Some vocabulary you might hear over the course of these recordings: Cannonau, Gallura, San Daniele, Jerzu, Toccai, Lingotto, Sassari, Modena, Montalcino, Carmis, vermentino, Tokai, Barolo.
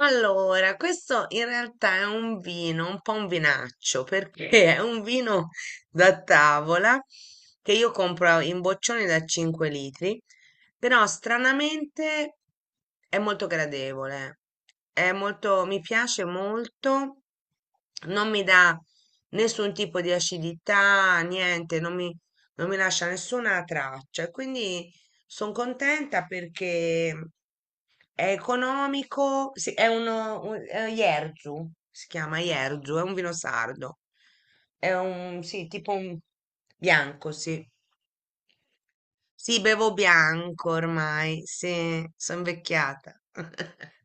Allora, questo in realtà è un vino, un po' un vinaccio, perché è un vino da tavola che io compro in boccioni da 5 litri, però stranamente è molto gradevole, è molto, mi piace molto, non mi dà nessun tipo di acidità, niente, non mi, non mi lascia nessuna traccia, e quindi sono contenta perché è economico, sì, è Jerzu, si chiama Jerzu, è un vino sardo. È un, sì, tipo un bianco, sì. Sì, bevo bianco ormai, sì, sono invecchiata.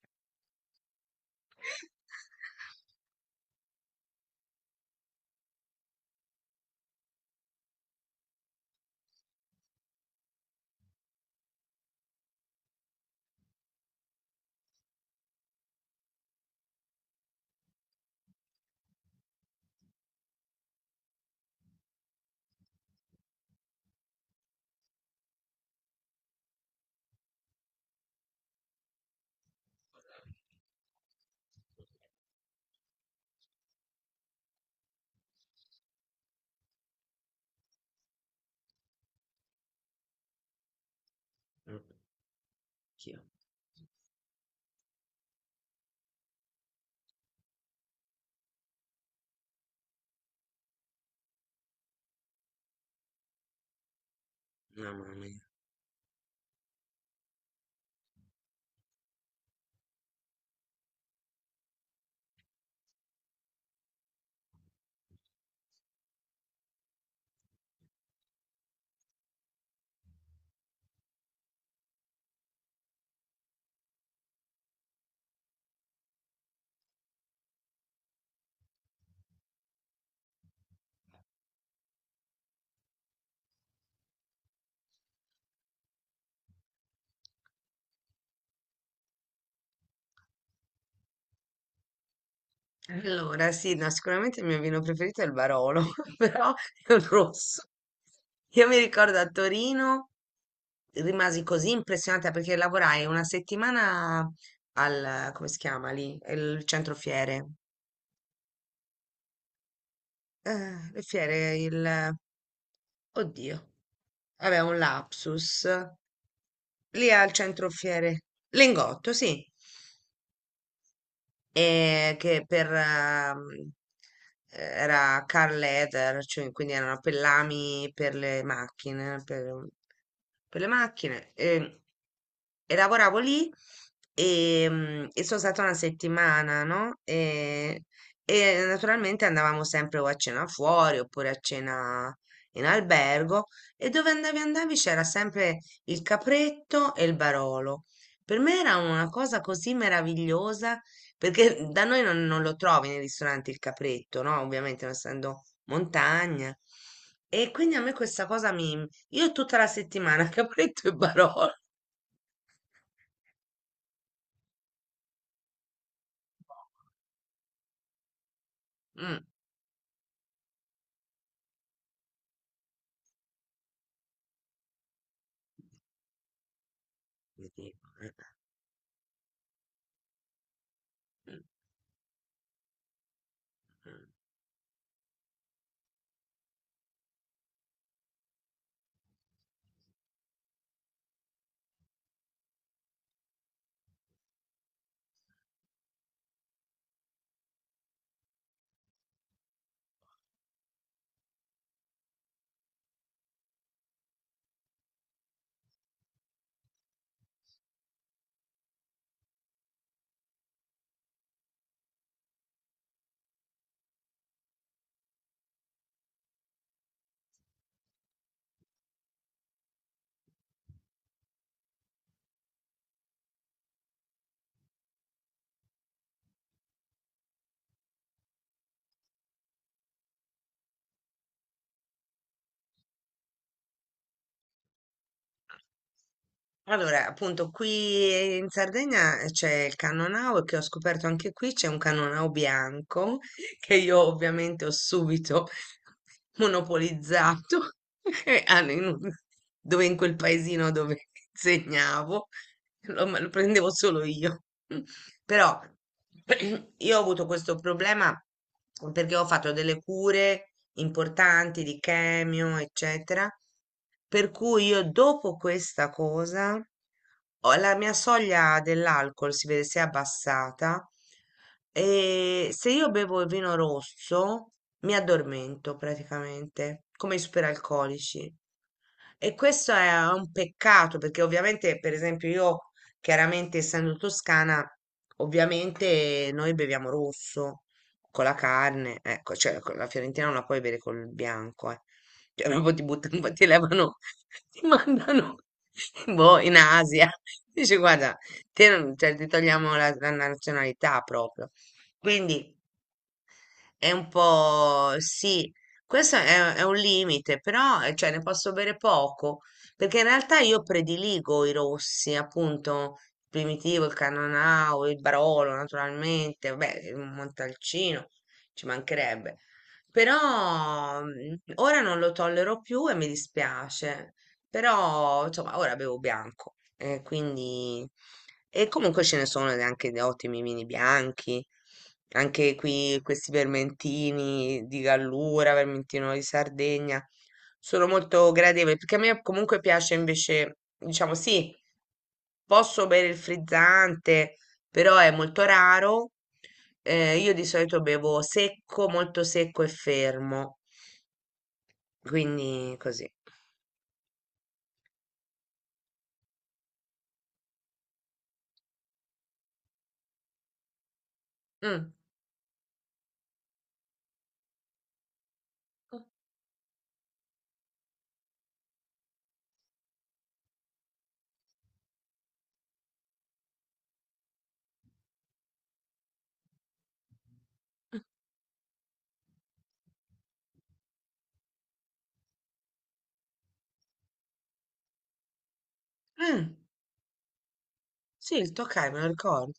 Mm. Anch'io. Mamma mia. Allora, sì, no, sicuramente il mio vino preferito è il Barolo, però è un rosso. Io mi ricordo a Torino, rimasi così impressionata perché lavorai una settimana al, come si chiama lì? Il centro fiere. Le fiere, Oddio. Vabbè, un lapsus. Lì al centro fiere. Lingotto, sì. E che per era car leather, cioè quindi erano pellami per le macchine, per le macchine e lavoravo lì e sono stata una settimana, no? E naturalmente andavamo sempre o a cena fuori oppure a cena in albergo e dove andavi c'era sempre il capretto e il Barolo. Per me era una cosa così meravigliosa perché da noi non, non lo trovi nei ristoranti il capretto, no? Ovviamente non essendo montagna. E quindi a me questa cosa mi, io è tutta la settimana, capretto e Barolo. Mm, mi dico. Eh, eh. eh. Allora, appunto, qui in Sardegna c'è il Cannonau e che ho scoperto anche qui c'è un Cannonau bianco che io ovviamente ho subito monopolizzato e hanno dove in quel paesino dove insegnavo me lo prendevo solo io. Però io ho avuto questo problema perché ho fatto delle cure importanti di chemio, eccetera, per cui io dopo questa cosa la mia soglia dell'alcol si vede si è abbassata e se io bevo il vino rosso mi addormento praticamente, come i superalcolici. E questo è un peccato perché ovviamente, per esempio, io. Chiaramente, essendo toscana, ovviamente noi beviamo rosso con la carne, ecco, cioè con la fiorentina non la puoi bere col bianco, eh. Cioè, proprio ti buttano, ti levano, ti mandano boh, in Asia. Dici, guarda, te non, cioè, ti togliamo la nazionalità proprio. Quindi. È un po' sì, questo è un limite, però cioè, ne posso bere poco, perché in realtà io prediligo i rossi, appunto, il primitivo, il Cannonau, il Barolo, naturalmente, vabbè, il Montalcino, ci mancherebbe. Però ora non lo tollero più e mi dispiace, però insomma, ora bevo bianco, quindi e comunque ce ne sono anche di ottimi vini bianchi, anche qui questi vermentini di Gallura, vermentino di Sardegna, sono molto gradevoli, perché a me comunque piace invece, diciamo sì, posso bere il frizzante, però è molto raro. Io di solito bevo secco, molto secco e fermo, quindi così. Mm. Mm. Sì, il Toccai me lo ricordo.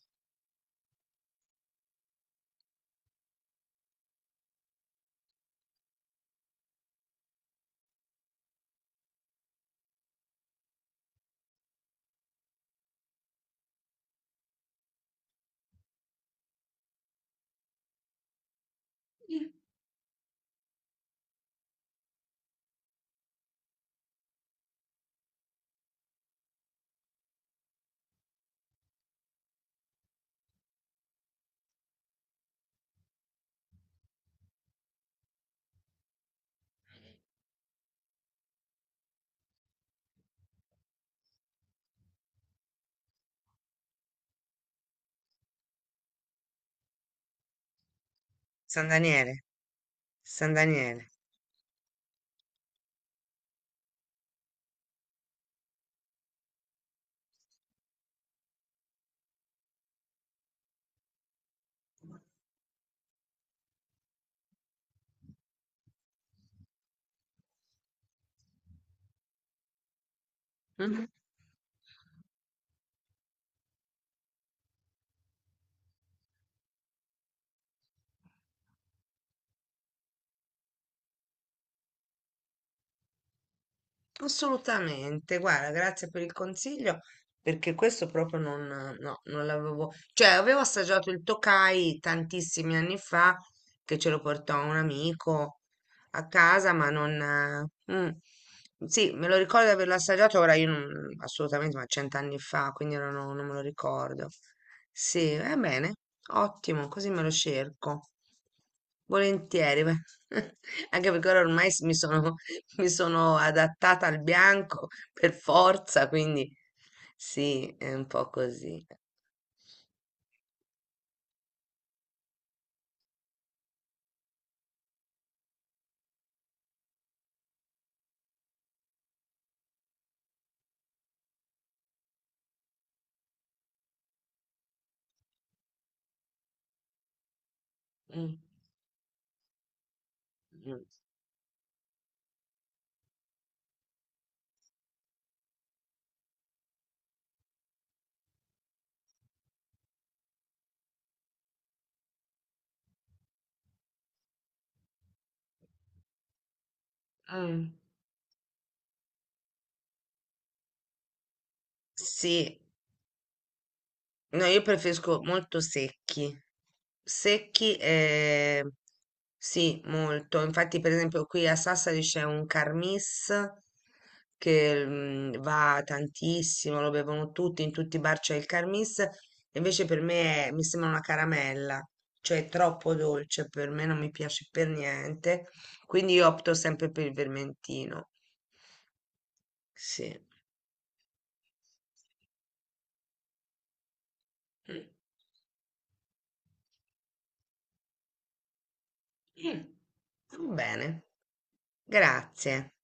San Daniele, San Daniele. Mhm. Assolutamente, guarda, grazie per il consiglio, perché questo proprio non, no, non l'avevo, cioè avevo assaggiato il Tokai tantissimi anni fa, che ce lo portò un amico a casa, ma non, mm, sì, me lo ricordo di averlo assaggiato, ora io non, assolutamente, ma cent'anni fa, quindi ora non me lo ricordo. Sì, va bene, ottimo, così me lo cerco. Volentieri, beh. Anche perché ora ormai mi sono adattata al bianco per forza, quindi sì, è un po' così. Mm, mm, mm. Sì, no, io preferisco molto secchi. Secchi, sì, molto. Infatti, per esempio, qui a Sassari c'è un Carmis che va tantissimo, lo bevono tutti, in tutti i bar c'è il Carmis. Invece per me mi sembra una caramella, cioè è troppo dolce, per me non mi piace per niente. Quindi io opto sempre per il vermentino. Sì. Mm. Bene, grazie.